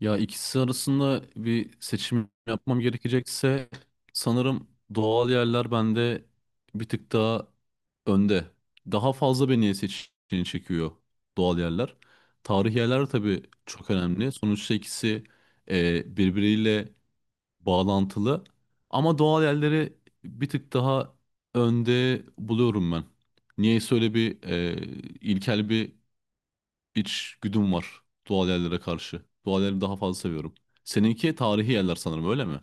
Ya ikisi arasında bir seçim yapmam gerekecekse sanırım doğal yerler bende bir tık daha önde. Daha fazla beni seçeneği çekiyor doğal yerler. Tarihi yerler tabii çok önemli. Sonuçta ikisi birbiriyle bağlantılı. Ama doğal yerleri bir tık daha önde buluyorum ben. Niyeyse öyle bir ilkel bir iç güdüm var doğal yerlere karşı. Doğal yerleri daha fazla seviyorum. Seninki tarihi yerler sanırım öyle mi?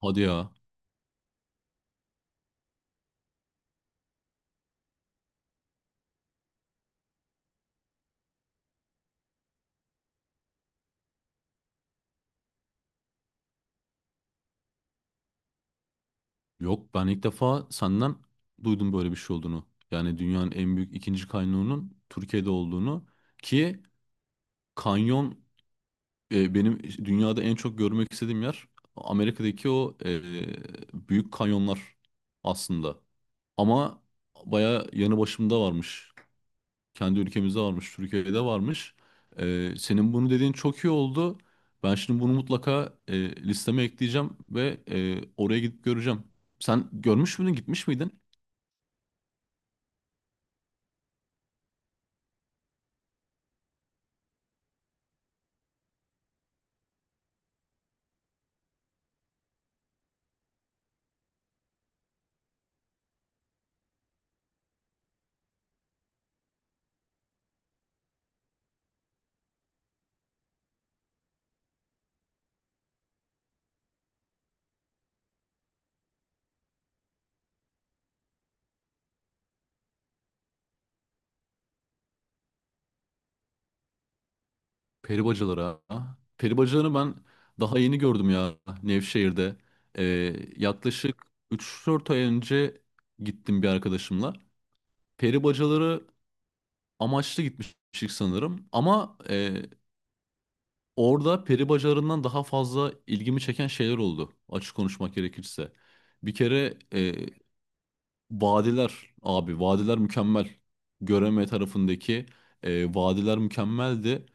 Hadi ya. Yok, ben ilk defa senden duydum böyle bir şey olduğunu. Yani dünyanın en büyük ikinci kanyonunun Türkiye'de olduğunu, ki kanyon, benim dünyada en çok görmek istediğim yer Amerika'daki o büyük kanyonlar aslında. Ama baya yanı başımda varmış. Kendi ülkemizde varmış, Türkiye'de varmış. Senin bunu dediğin çok iyi oldu. Ben şimdi bunu mutlaka listeme ekleyeceğim ve oraya gidip göreceğim. Sen görmüş müydün, gitmiş miydin? Peri bacaları, ha. Peri bacalarını ben daha yeni gördüm ya, Nevşehir'de. Ee, Yaklaşık üç dört ay önce gittim bir arkadaşımla. Peri bacaları amaçlı gitmiştik sanırım. Ama orada peri bacalarından daha fazla ilgimi çeken şeyler oldu. Açık konuşmak gerekirse. Bir kere vadiler abi, vadiler mükemmel. Göreme tarafındaki vadiler mükemmeldi.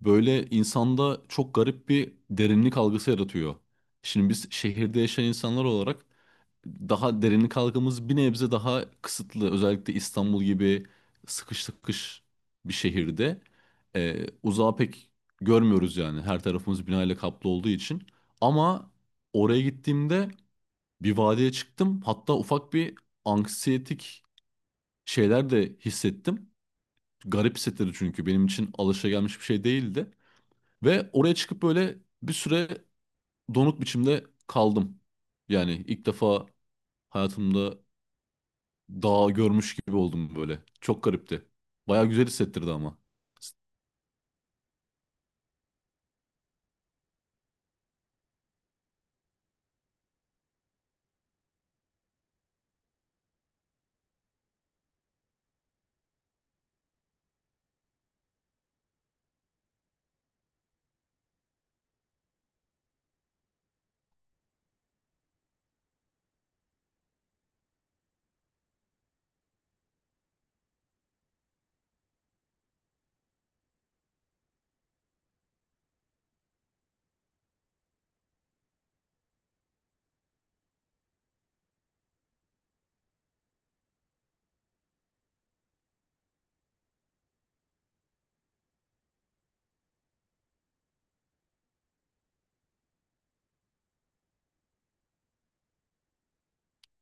Böyle insanda çok garip bir derinlik algısı yaratıyor. Şimdi biz şehirde yaşayan insanlar olarak daha derinlik algımız bir nebze daha kısıtlı. Özellikle İstanbul gibi sıkış sıkış bir şehirde uzağa pek görmüyoruz yani. Her tarafımız binayla kaplı olduğu için. Ama oraya gittiğimde bir vadiye çıktım. Hatta ufak bir anksiyetik şeyler de hissettim. Garip hissettirdi, çünkü benim için alışagelmiş bir şey değildi. Ve oraya çıkıp böyle bir süre donuk biçimde kaldım. Yani ilk defa hayatımda dağ görmüş gibi oldum böyle. Çok garipti. Baya güzel hissettirdi ama.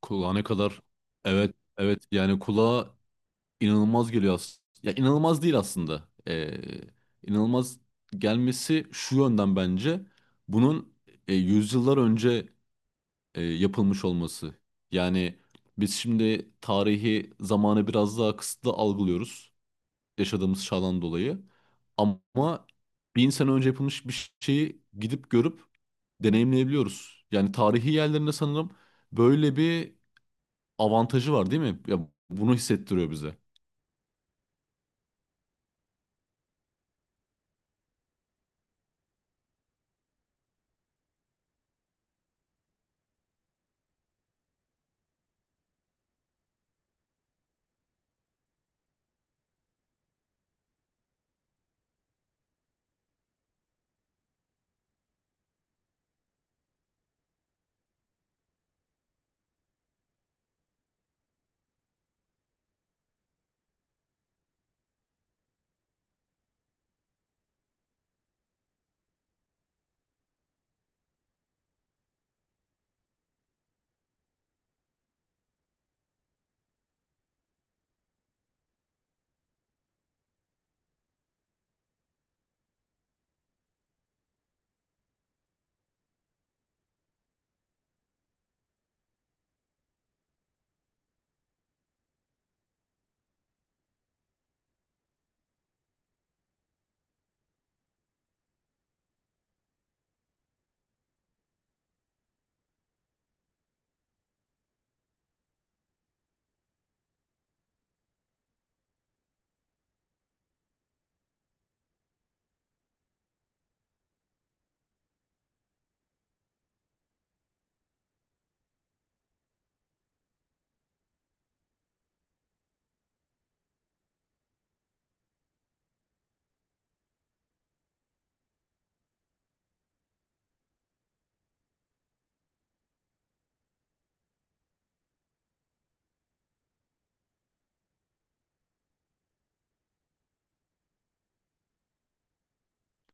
Kulağa ne kadar, evet evet, yani kulağa inanılmaz geliyor aslında. Ya, inanılmaz değil aslında. İnanılmaz gelmesi şu yönden, bence bunun yüzyıllar önce yapılmış olması. Yani biz şimdi tarihi zamanı biraz daha kısıtlı algılıyoruz, yaşadığımız çağdan dolayı. Ama bin sene önce yapılmış bir şeyi gidip görüp deneyimleyebiliyoruz. Yani tarihi yerlerinde sanırım böyle bir avantajı var, değil mi? Ya, bunu hissettiriyor bize.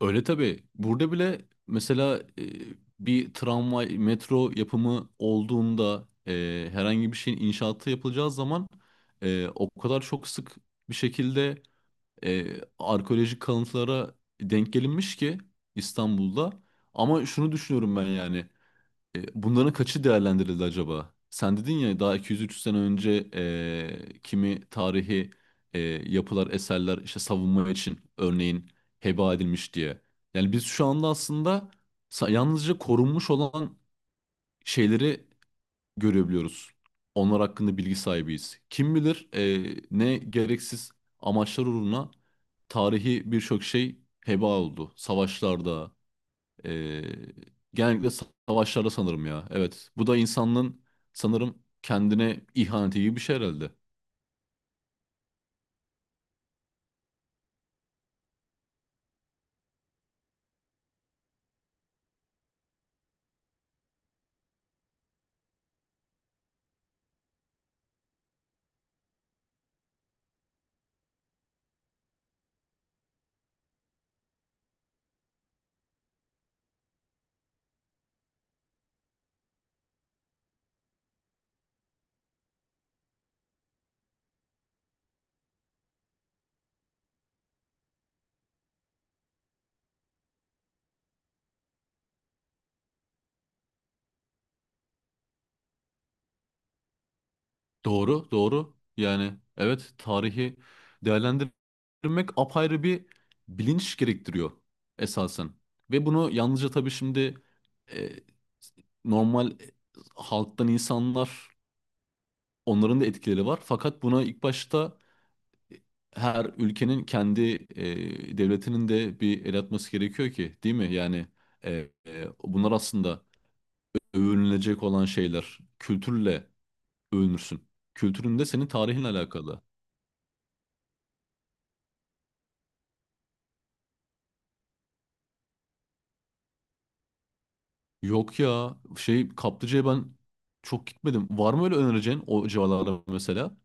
Öyle tabii. Burada bile mesela bir tramvay, metro yapımı olduğunda, herhangi bir şeyin inşaatı yapılacağı zaman o kadar çok sık bir şekilde arkeolojik kalıntılara denk gelinmiş ki İstanbul'da. Ama şunu düşünüyorum ben yani: bunların kaçı değerlendirildi acaba? Sen dedin ya, daha 200-300 sene önce kimi tarihi yapılar, eserler işte savunma için örneğin heba edilmiş diye. Yani biz şu anda aslında yalnızca korunmuş olan şeyleri görebiliyoruz. Onlar hakkında bilgi sahibiyiz. Kim bilir ne gereksiz amaçlar uğruna tarihi birçok şey heba oldu. Savaşlarda, e, genellikle savaşlarda sanırım ya. Evet, bu da insanlığın sanırım kendine ihaneti gibi bir şey herhalde. Doğru, doğru. Yani evet, tarihi değerlendirmek apayrı bir bilinç gerektiriyor esasen. Ve bunu yalnızca tabii şimdi e, normal halktan insanlar, onların da etkileri var. Fakat buna ilk başta her ülkenin kendi devletinin de bir el atması gerekiyor ki, değil mi? Yani e, bunlar aslında övünülecek olan şeyler. Kültürle övünürsün. Kültürün de senin tarihinle alakalı. Yok ya, şey Kaplıca'ya ben çok gitmedim. Var mı öyle önereceğin o civarlarda mesela?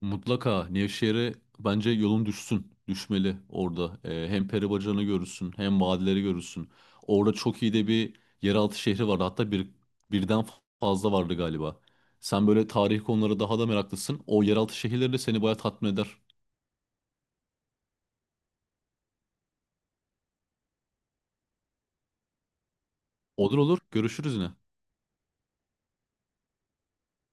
Mutlaka Nevşehir'e, bence yolun düşsün. Düşmeli orada. Hem peri bacalarını görürsün, hem vadileri görürsün. Orada çok iyi de bir yeraltı şehri vardı. Hatta birden fazla vardı galiba. Sen böyle tarih konuları daha da meraklısın. O yeraltı şehirleri de seni bayağı tatmin eder. Olur olur, görüşürüz yine.